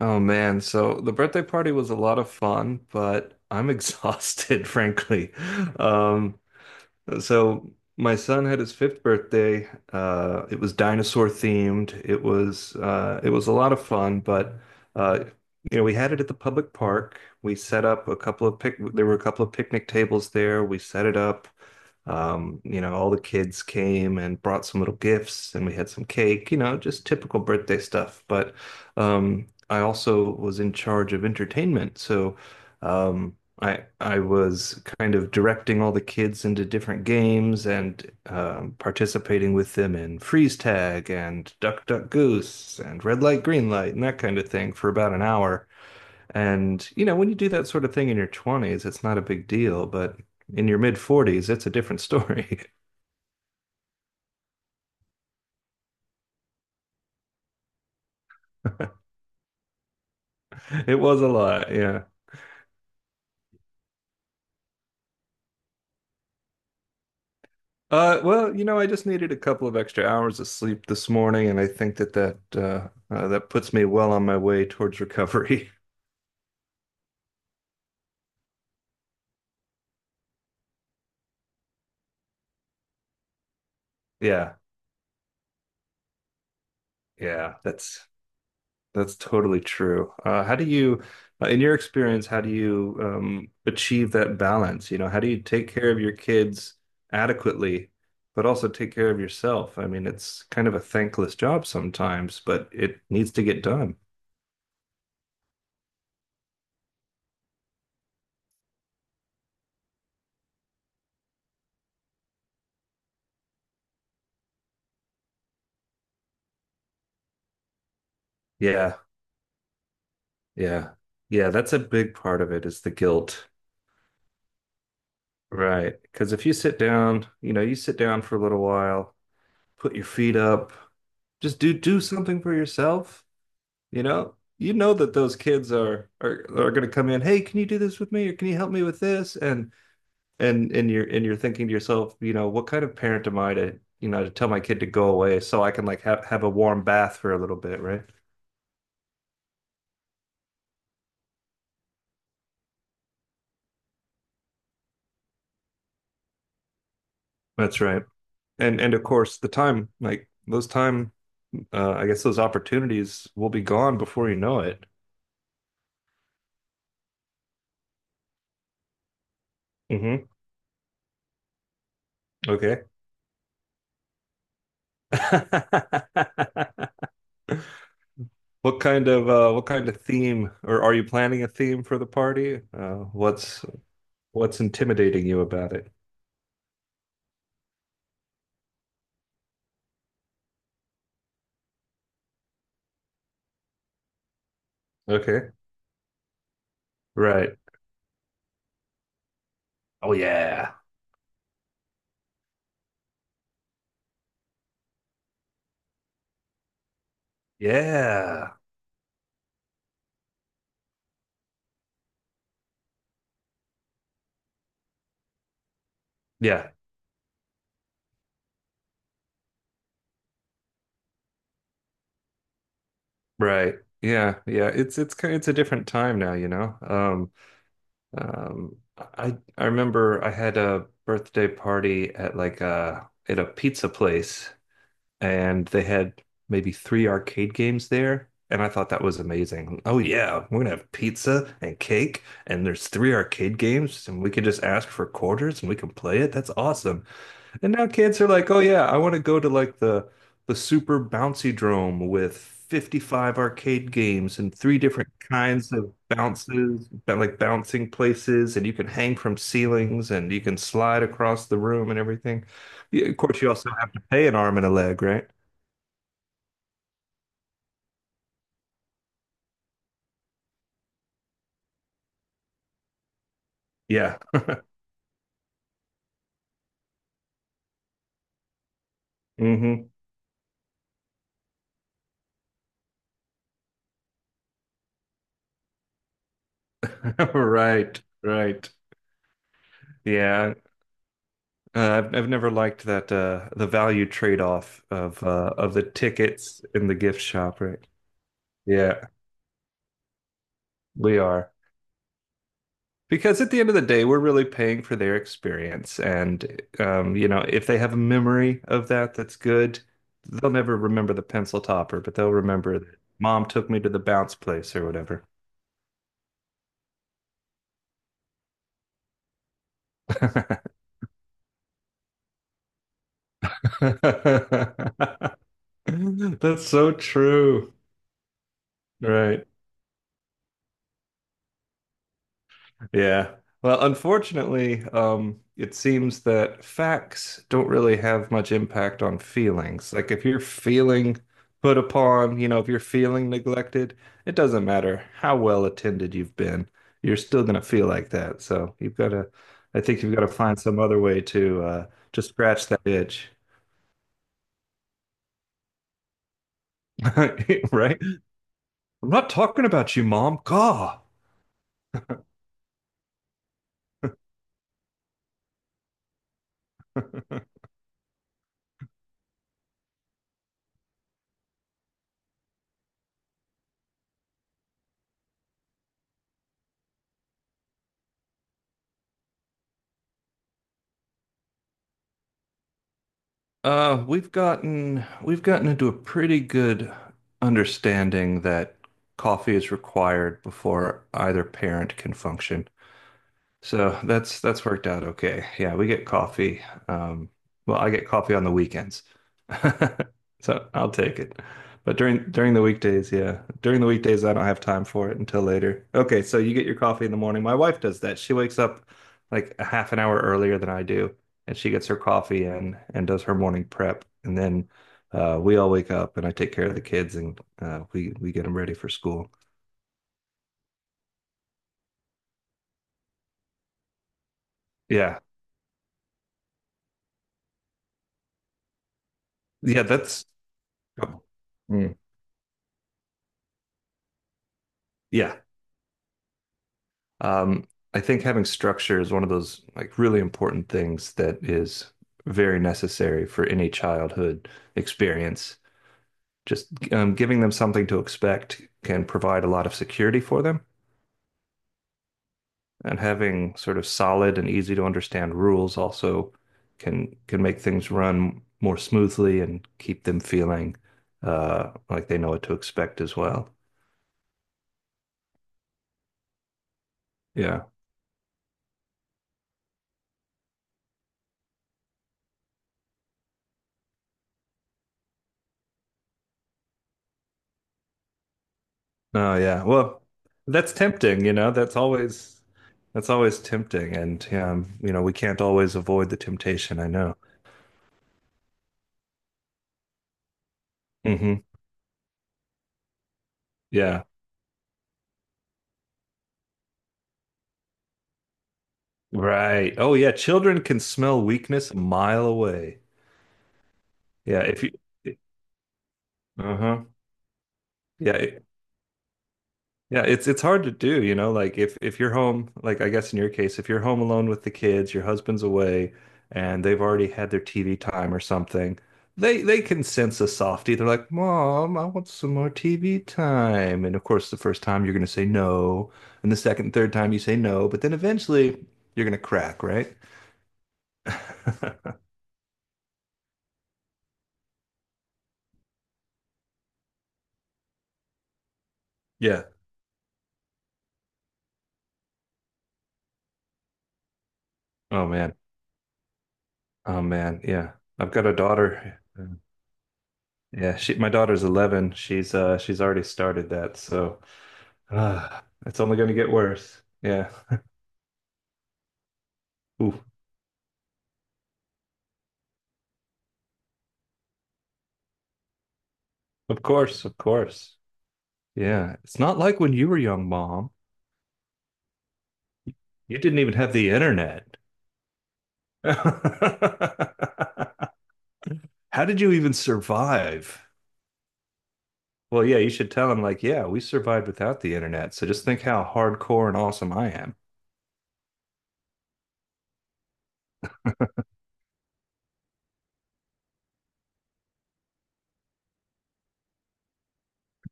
Oh man, so the birthday party was a lot of fun, but I'm exhausted, frankly. Um, so my son had his fifth birthday. It was dinosaur themed. It was a lot of fun, but uh, you know we had it at the public park. We set up a couple of pic. There were a couple of picnic tables there. We set it up. You know, all the kids came and brought some little gifts, and we had some cake. You know, just typical birthday stuff. But I also was in charge of entertainment, so. Um, I was kind of directing all the kids into different games and participating with them in freeze tag and duck duck goose and red light green light and that kind of thing for about an hour. And you know, when you do that sort of thing in your 20s, it's not a big deal, but in your mid 40s, it's a different story. It was a lot, yeah. Well, you know, I just needed a couple of extra hours of sleep this morning, and I think that that puts me well on my way towards recovery. Yeah. Yeah, that's totally true. How do you, in your experience, how do you achieve that balance? You know, how do you take care of your kids adequately, but also take care of yourself? I mean, it's kind of a thankless job sometimes, but it needs to get done. Yeah, yeah, yeah. That's a big part of it is the guilt, right? Because if you sit down, you know, you sit down for a little while, put your feet up, just do something for yourself. You know that those kids are going to come in, "Hey, can you do this with me or can you help me with this?" And you're and you're thinking to yourself, you know, what kind of parent am I to, you know, to tell my kid to go away so I can like have a warm bath for a little bit, right? That's right. And of course, the time like those time I guess those opportunities will be gone before you know it. Mm-hmm. Okay. What kind of theme or are you planning a theme for the party? Uh, what's intimidating you about it? Okay. Right. Oh yeah. Yeah. Yeah. Right. Yeah. Yeah. It's kind it's a different time now, you know. I remember I had a birthday party at like a at a pizza place and they had maybe three arcade games there and I thought that was amazing. Oh yeah, we're gonna have pizza and cake and there's three arcade games and we can just ask for quarters and we can play it. That's awesome. And now kids are like, oh yeah, I want to go to like the super bouncy drome with 55 arcade games and three different kinds of bounces, like bouncing places, and you can hang from ceilings and you can slide across the room and everything. Yeah, of course, you also have to pay an arm and a leg, right? Yeah. Hmm. Right, right. Yeah. I've never liked that the value trade-off of the tickets in the gift shop, right? Yeah, we are. Because at the end of the day, we're really paying for their experience. And, you know, if they have a memory of that, that's good. They'll never remember the pencil topper, but they'll remember that mom took me to the bounce place or whatever. That's so true. Right. Yeah. Well, unfortunately, it seems that facts don't really have much impact on feelings. Like if you're feeling put upon, you know, if you're feeling neglected, it doesn't matter how well attended you've been, you're still gonna feel like that. So you've got to, I think you've got to find some other way to scratch that itch, right? I'm not talking about you, Mom. God. We've gotten into a pretty good understanding that coffee is required before either parent can function. So that's worked out okay. Yeah, we get coffee. Um, well, I get coffee on the weekends. So I'll take it. But during the weekdays, yeah. During the weekdays, I don't have time for it until later. Okay, so you get your coffee in the morning. My wife does that. She wakes up like a half an hour earlier than I do, and she gets her coffee in and does her morning prep. And then we all wake up and I take care of the kids and we get them ready for school. Yeah. Yeah, that's oh, mm. Yeah, Um, I think having structure is one of those like really important things that is very necessary for any childhood experience. Just giving them something to expect can provide a lot of security for them, and having sort of solid and easy to understand rules also can make things run more smoothly and keep them feeling like they know what to expect as well. Yeah. Oh yeah. Well, that's tempting, you know. That's always tempting and you know, we can't always avoid the temptation, I know. Hmm. Yeah. Right. Oh yeah, children can smell weakness a mile away. Yeah, if you, uh-huh. Yeah. Yeah, it's hard to do, you know, like if you're home, like I guess in your case, if you're home alone with the kids, your husband's away and they've already had their TV time or something, they can sense a softie. They're like, "Mom, I want some more TV time." And of course, the first time you're going to say no, and the second and third time you say no, but then eventually you're going to crack, right? Yeah. Oh man. Oh man. Yeah. I've got a daughter. Yeah, she my daughter's 11. She's she's already started that, so. Ah, it's only going to get worse. Yeah. Ooh, of course, of course. Yeah. It's not like when you were young, Mom. You didn't even have the internet. How did you even survive? Well, yeah, you should tell him, like, yeah, we survived without the internet. So just think how hardcore and awesome I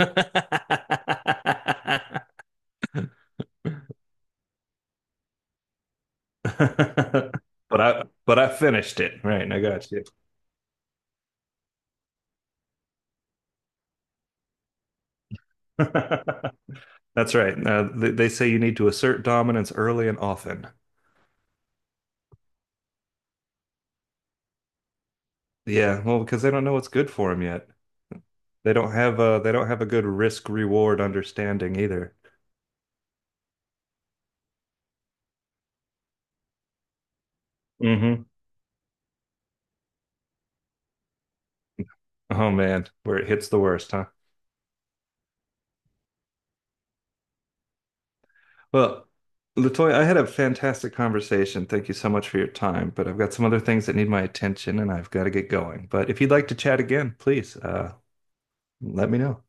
am. But I finished it. Right, I got you. That's right. They say you need to assert dominance early and often. Yeah, well, because they don't know what's good for them yet. They don't have a good risk reward understanding either. Hmm. Oh man, where it hits the worst, huh? Well, Latoya, I had a fantastic conversation. Thank you so much for your time, but I've got some other things that need my attention and I've got to get going. But if you'd like to chat again, please let me know.